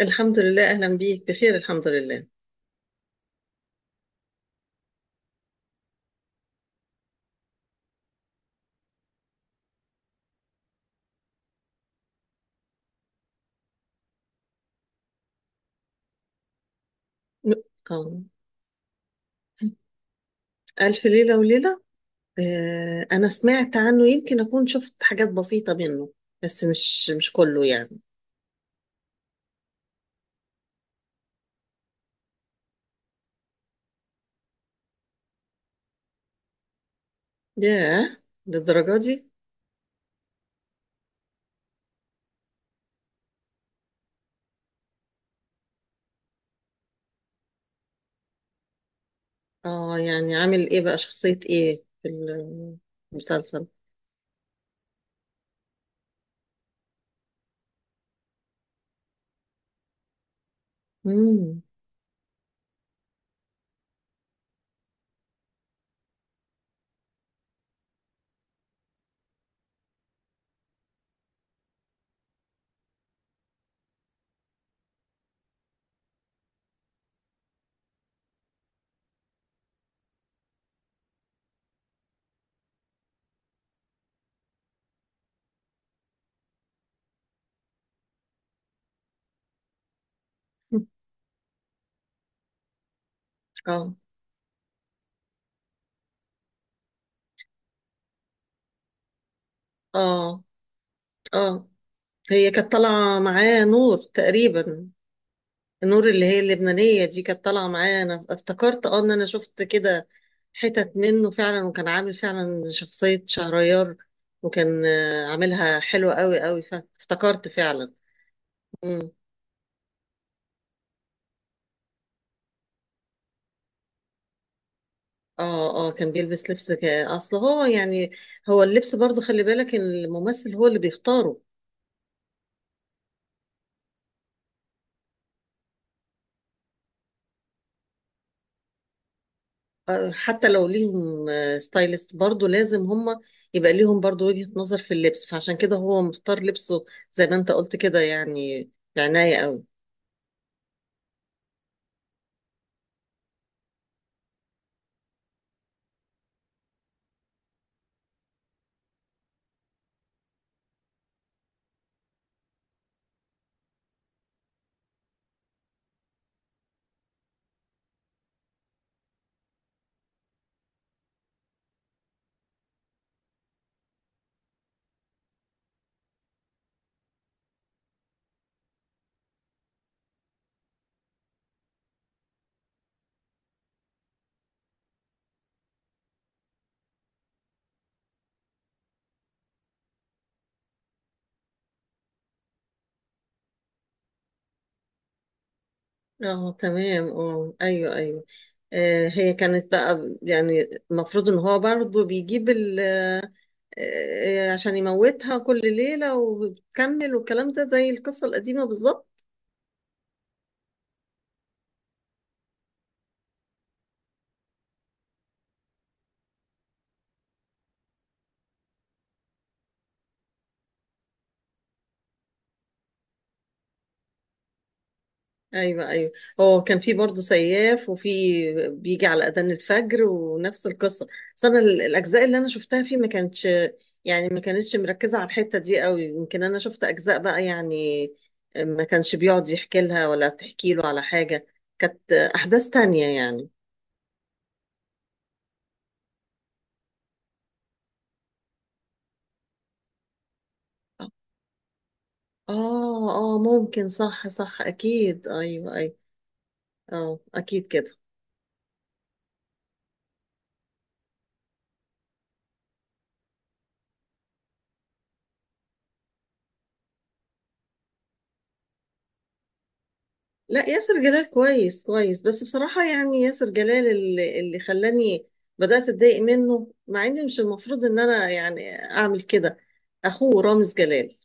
الحمد لله، أهلا بيك، بخير الحمد لله. م- آه. ألف ليلة وليلة. أنا سمعت عنه، يمكن أكون شفت حاجات بسيطة منه، بس مش كله يعني. ياه، للدرجة دي؟ يعني عامل إيه بقى، شخصية إيه في المسلسل؟ مم. آه. آه. آه. هي كانت طالعة معاه نور تقريبا، نور اللي هي اللبنانية دي كانت طالعة معايا، أنا افتكرت إن أنا شفت كده حتت منه فعلا، وكان عامل فعلا شخصية شهريار، وكان عاملها حلوة قوي قوي، فافتكرت فعلا. مم. اه، اه، كان بيلبس لبس اصل هو يعني، هو اللبس برضو خلي بالك إن الممثل هو اللي بيختاره. حتى لو ليهم ستايلست، برضو لازم هم يبقى ليهم برضو وجهة نظر في اللبس، فعشان كده هو مختار لبسه زي ما انت قلت كده يعني، بعناية قوي. اه، تمام، اه، ايوه، ايوه. هي كانت بقى، يعني المفروض ان هو برضه بيجيب ال آه، آه، عشان يموتها كل ليلة وبتكمل، والكلام ده زي القصة القديمة بالظبط. ايوه، ايوه، هو كان في برضه سياف، وفي بيجي على اذان الفجر ونفس القصه. بس انا الاجزاء اللي انا شفتها فيه ما كانتش، يعني ما كانتش مركزه على الحته دي قوي، يمكن انا شفت اجزاء بقى يعني ما كانش بيقعد يحكي لها ولا بتحكي له على حاجه، كانت احداث تانية يعني. اه، اه، ممكن، صح صح، اكيد، ايوه، ايوه، اه، اكيد كده. لا، ياسر جلال كويس كويس، بس بصراحة يعني ياسر جلال اللي خلاني بدأت أتضايق منه، مع إن مش المفروض إن أنا يعني أعمل كده، أخوه رامز جلال.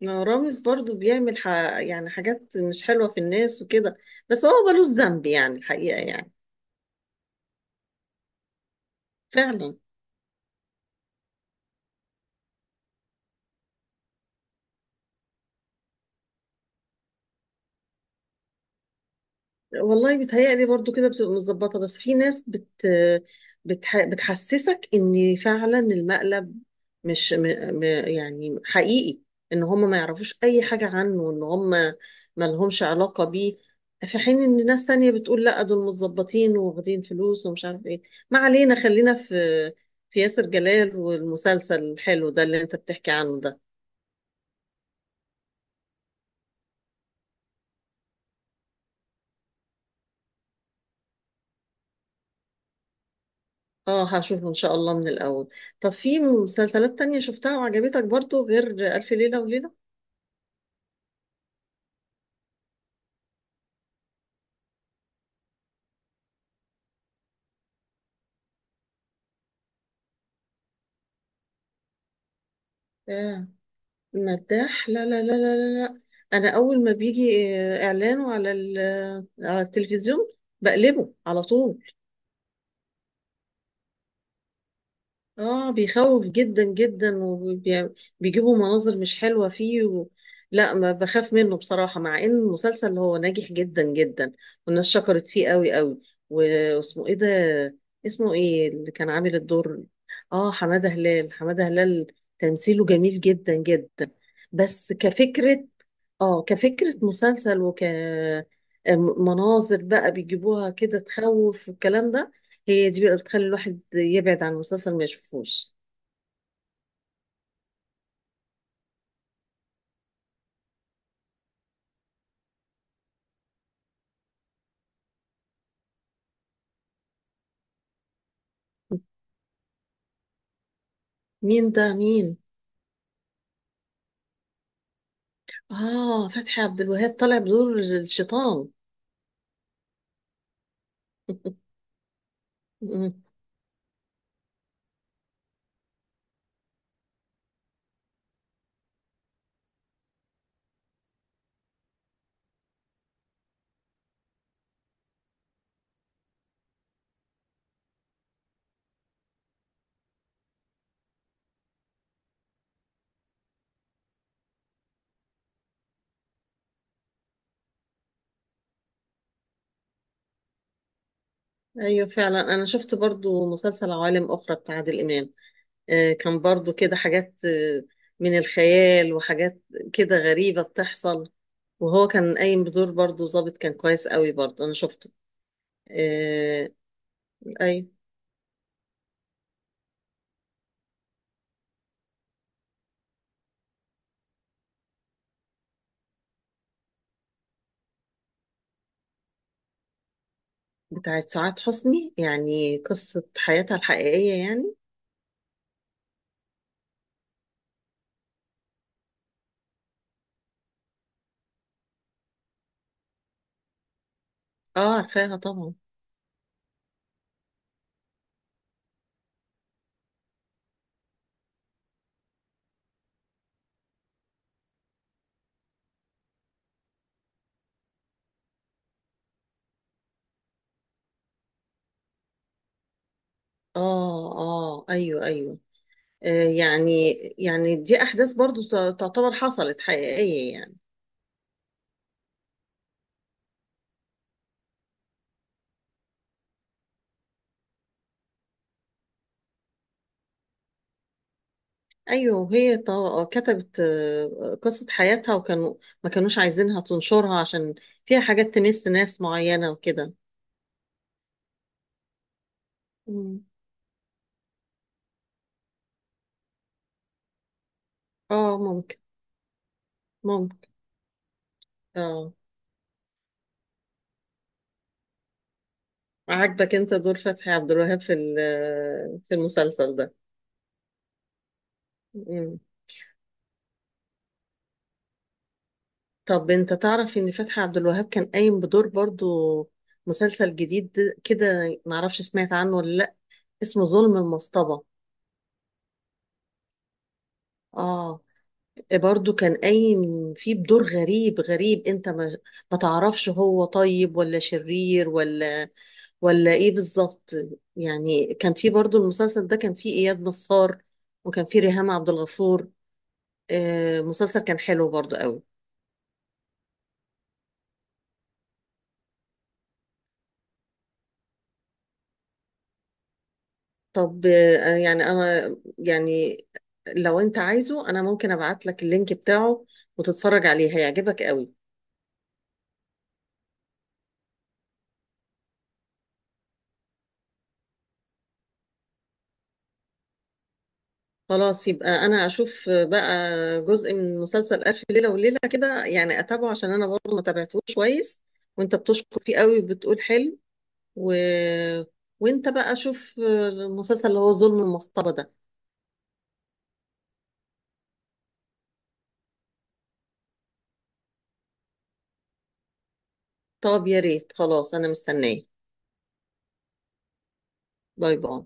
ما رامز برضو بيعمل يعني حاجات مش حلوة في الناس وكده، بس هو ملوش ذنب يعني الحقيقة يعني. فعلا. والله بيتهيألي برضو كده بتبقى متظبطة، بس في ناس بتحسسك ان فعلا المقلب مش يعني حقيقي، ان هم ما يعرفوش اي حاجة عنه، ان هم ما لهمش علاقة بيه، في حين ان ناس تانية بتقول لا دول متظبطين واخدين فلوس ومش عارف ايه. ما علينا، خلينا في ياسر جلال والمسلسل الحلو ده اللي انت بتحكي عنه ده. اه، هشوفه ان شاء الله من الاول. طب في مسلسلات تانية شفتها وعجبتك برضو غير ألف ليلة وليلة؟ آه. مداح؟ لا لا لا لا لا لا. انا اول ما بيجي اعلانه على على التلفزيون بقلبه على طول. اه، بيخوف جدا جدا، وبيجيبوا مناظر مش حلوة فيه لا، ما بخاف منه بصراحة، مع ان المسلسل هو ناجح جدا جدا، والناس شكرت فيه قوي قوي. واسمه ايه ده؟ اسمه ايه اللي كان عامل الدور؟ اه، حمادة هلال، حمادة هلال، تمثيله جميل جدا جدا. بس كفكرة، اه كفكرة مسلسل وك آه، مناظر بقى بيجيبوها كده تخوف والكلام ده، هي دي بقى بتخلي الواحد يبعد عن المسلسل ما يشوفوش. مين ده، مين؟ اه، فتحي عبد الوهاب طالع بدور الشيطان. ايوه فعلا، انا شفت برضو مسلسل عوالم اخرى بتاع عادل امام. كان برضو كده حاجات من الخيال وحاجات كده غريبة بتحصل، وهو كان قايم بدور برضو ظابط، كان كويس قوي برضو انا شفته. آه. ايوه بتاعت سعاد حسني، يعني قصة حياتها الحقيقية يعني؟ اه عارفاها طبعا. اه، اه، ايوه، ايوه. يعني دي احداث برضو تعتبر حصلت حقيقية يعني. ايوه، وهي كتبت قصة حياتها، وكانوا ما كانوش عايزينها تنشرها عشان فيها حاجات تمس ناس معينة وكده. مم. اه، ممكن، ممكن، اه. عاجبك انت دور فتحي عبد الوهاب في في المسلسل ده؟ مم. طب انت تعرف ان فتحي عبد الوهاب كان قايم بدور برضو مسلسل جديد كده، معرفش سمعت عنه ولا، اسمه ظلم المصطبة. اه، إيه، برضو كان قايم فيه بدور غريب غريب، انت ما تعرفش هو طيب ولا شرير ولا ايه بالظبط، يعني كان فيه برضو المسلسل ده، كان فيه اياد نصار، وكان فيه ريهام عبد الغفور. مسلسل كان حلو برضو قوي. طب يعني انا يعني، لو انت عايزه انا ممكن ابعت لك اللينك بتاعه وتتفرج عليه هيعجبك قوي. خلاص، يبقى انا اشوف بقى جزء من مسلسل الف ليله وليله كده يعني اتابعه، عشان انا برضه ما تابعتوش كويس، وانت بتشكر فيه قوي وبتقول حلو و... وانت بقى شوف المسلسل اللي هو ظلم المصطبه ده. طب يا ريت، خلاص انا مستنيه. باي باي.